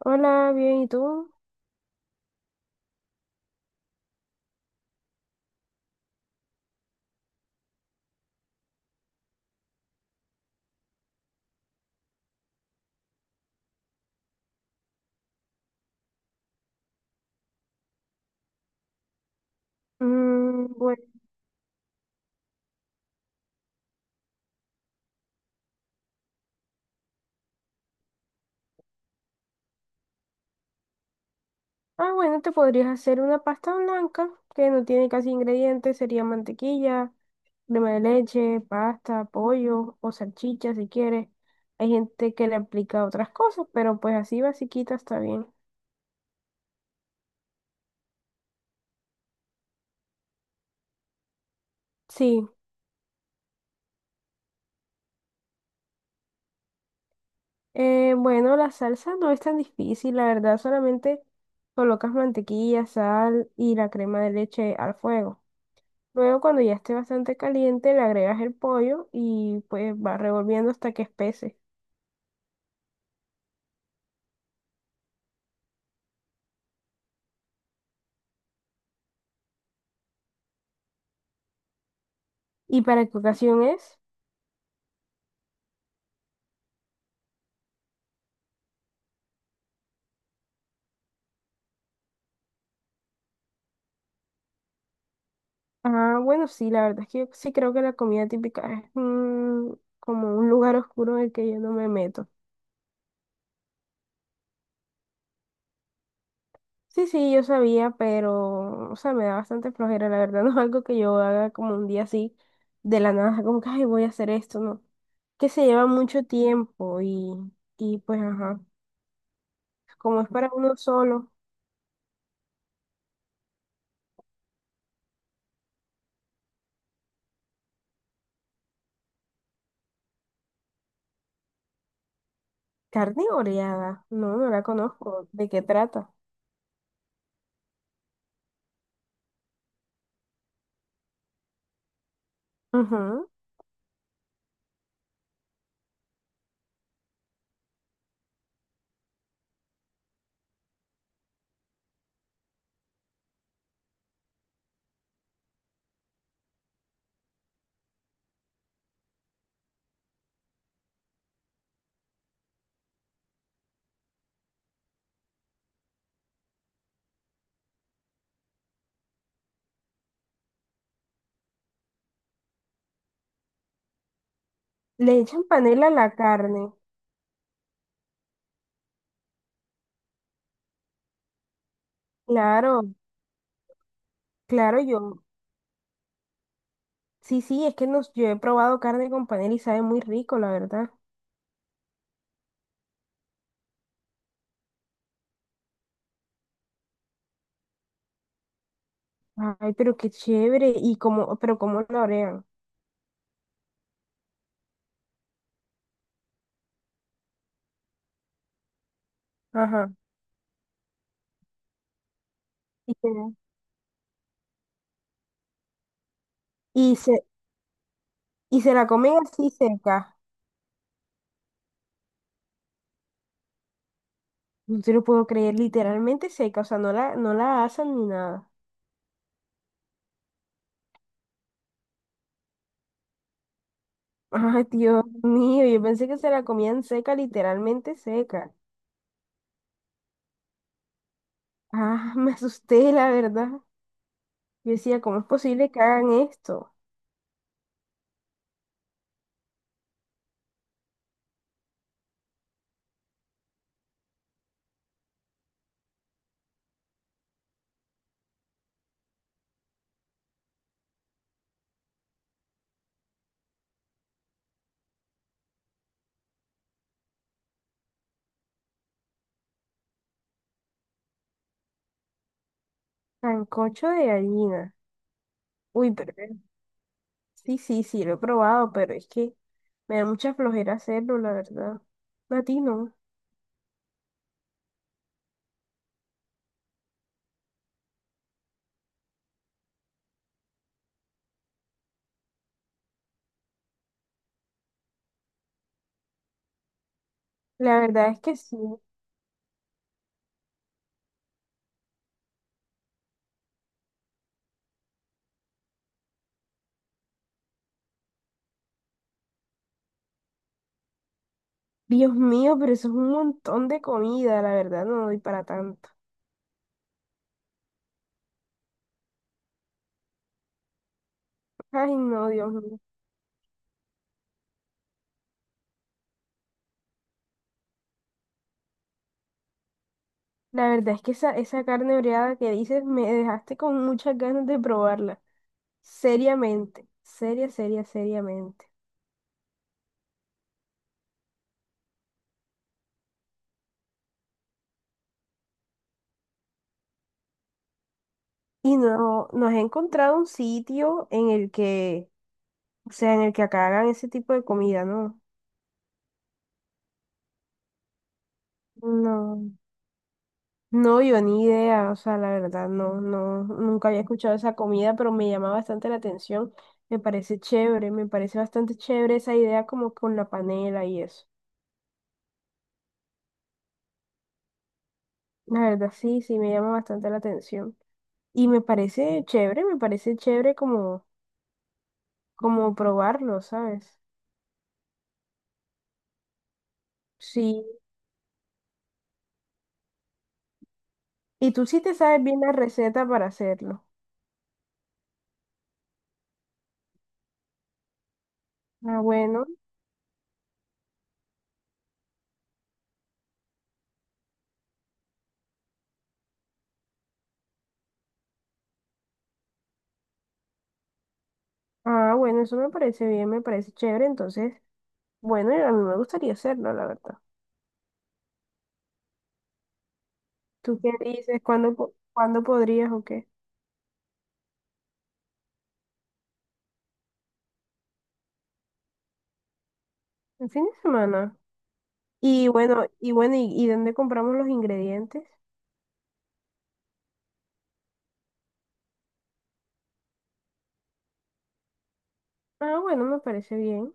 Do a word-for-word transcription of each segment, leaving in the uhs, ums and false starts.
Hola, bien, ¿y tú? Mm, bueno. Ah, bueno, te podrías hacer una pasta blanca que no tiene casi ingredientes, sería mantequilla, crema de leche, pasta, pollo o salchicha si quieres. Hay gente que le aplica otras cosas, pero pues así basiquita está bien. Sí, eh, bueno, la salsa no es tan difícil, la verdad, solamente colocas mantequilla, sal y la crema de leche al fuego. Luego, cuando ya esté bastante caliente, le agregas el pollo y pues va revolviendo hasta que espese. ¿Y para qué ocasión es? Ah, bueno, sí, la verdad es que yo sí creo que la comida típica es mm, como un lugar oscuro en el que yo no me meto. Sí, sí, yo sabía, pero, o sea, me da bastante flojera, la verdad, no es algo que yo haga como un día así, de la nada, como que, ay, voy a hacer esto, ¿no? Que se lleva mucho tiempo y, y pues, ajá, como es para uno solo. Carne oreada. No, no la conozco. ¿De qué trata? Ujú. Le echan panela a la carne. Claro, claro, yo. Sí, sí, es que nos, yo he probado carne con panela y sabe muy rico, la verdad. Ay, pero qué chévere. Y como, pero cómo la orean. Ajá. Y se, y se, y se la comen así seca. No te lo puedo creer, literalmente seca. O sea, no la, no la asan ni nada. Ay, Dios mío, yo pensé que se la comían seca, literalmente seca. Ah, me asusté, la verdad. Yo decía, ¿cómo es posible que hagan esto? Sancocho de gallina. Uy, pero eh, sí, sí, sí, lo he probado, pero es que me da mucha flojera hacerlo, la verdad. A ti no. La verdad es que sí. Dios mío, pero eso es un montón de comida, la verdad, no doy para tanto. Ay, no, Dios mío. La verdad es que esa, esa carne oreada que dices me dejaste con muchas ganas de probarla. Seriamente, seria, seria, seriamente. Y no, no has encontrado un sitio en el que, o sea, en el que acá hagan ese tipo de comida, ¿no? No, no, yo ni idea, o sea, la verdad, no, no, nunca había escuchado esa comida, pero me llama bastante la atención. Me parece chévere, me parece bastante chévere esa idea como con la panela y eso. La verdad, sí, sí, me llama bastante la atención. Y me parece chévere, me parece chévere como, como probarlo, ¿sabes? Sí. Y tú sí te sabes bien la receta para hacerlo. Ah, bueno. Ah, bueno, eso me parece bien, me parece chévere, entonces. Bueno, y a mí me gustaría hacerlo, la verdad. ¿Tú qué dices? ¿Cuándo, po- cuándo podrías o qué? El fin de semana. Y bueno, y bueno, ¿y, y dónde compramos los ingredientes? Ah, bueno, me parece bien.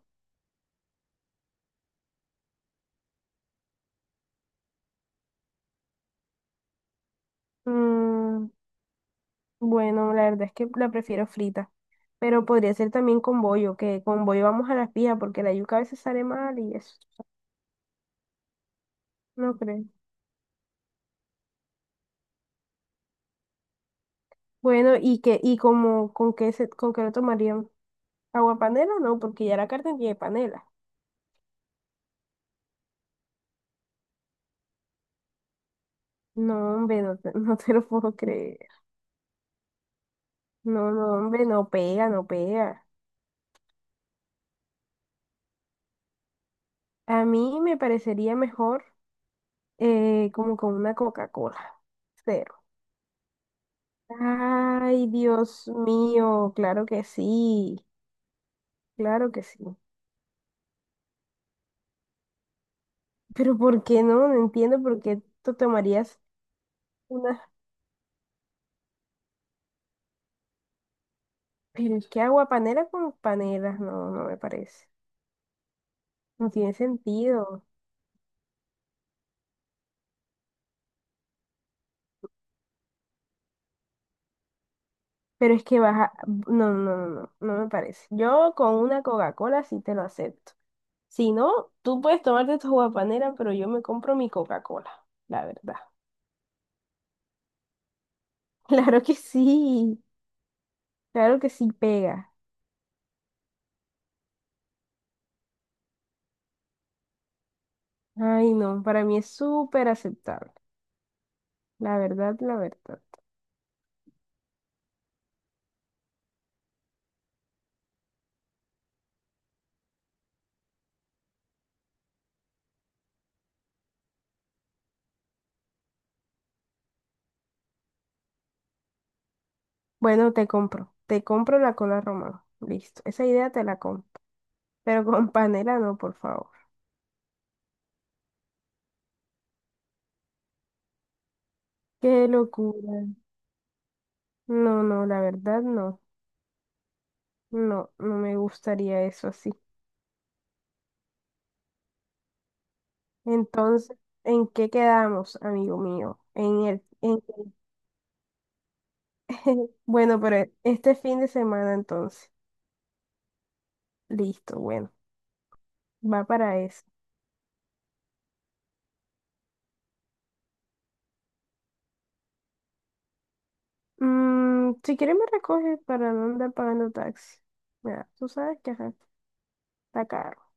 Mm, bueno, la verdad es que la prefiero frita. Pero podría ser también con bollo, que con bollo vamos a las pijas, porque la yuca a veces sale mal y eso. No creo. Bueno, ¿y qué, y como, con qué se, con qué lo tomarían? ¿Agua panela? No, porque ya la carne tiene panela. No, hombre, no te, no te lo puedo creer. No, no, hombre, no pega, no pega. A mí me parecería mejor eh, como con una Coca-Cola. Cero. Ay, Dios mío, claro que sí, claro que sí. Pero ¿por qué no? No entiendo por qué tú tomarías una... Pero es que agua panela con panelas, no, no me parece. No tiene sentido. Pero es que baja... No, no, no, no, no me parece. Yo con una Coca-Cola sí te lo acepto. Si no, tú puedes tomarte tu guapanera, pero yo me compro mi Coca-Cola, la verdad. Claro que sí, claro que sí pega. Ay, no, para mí es súper aceptable. La verdad, la verdad. Bueno, te compro, te compro la cola romana. Listo, esa idea te la compro. Pero con panela no, por favor. Qué locura. No, no, la verdad no. No, no me gustaría eso así. Entonces, ¿en qué quedamos, amigo mío? En el, en bueno, pero e- este fin de semana entonces. Listo, bueno, va para eso. Mm, si quieres me recoges para no andar pagando taxi. Mira, tú sabes que ajá, está caro.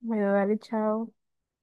Bueno, dale, chao.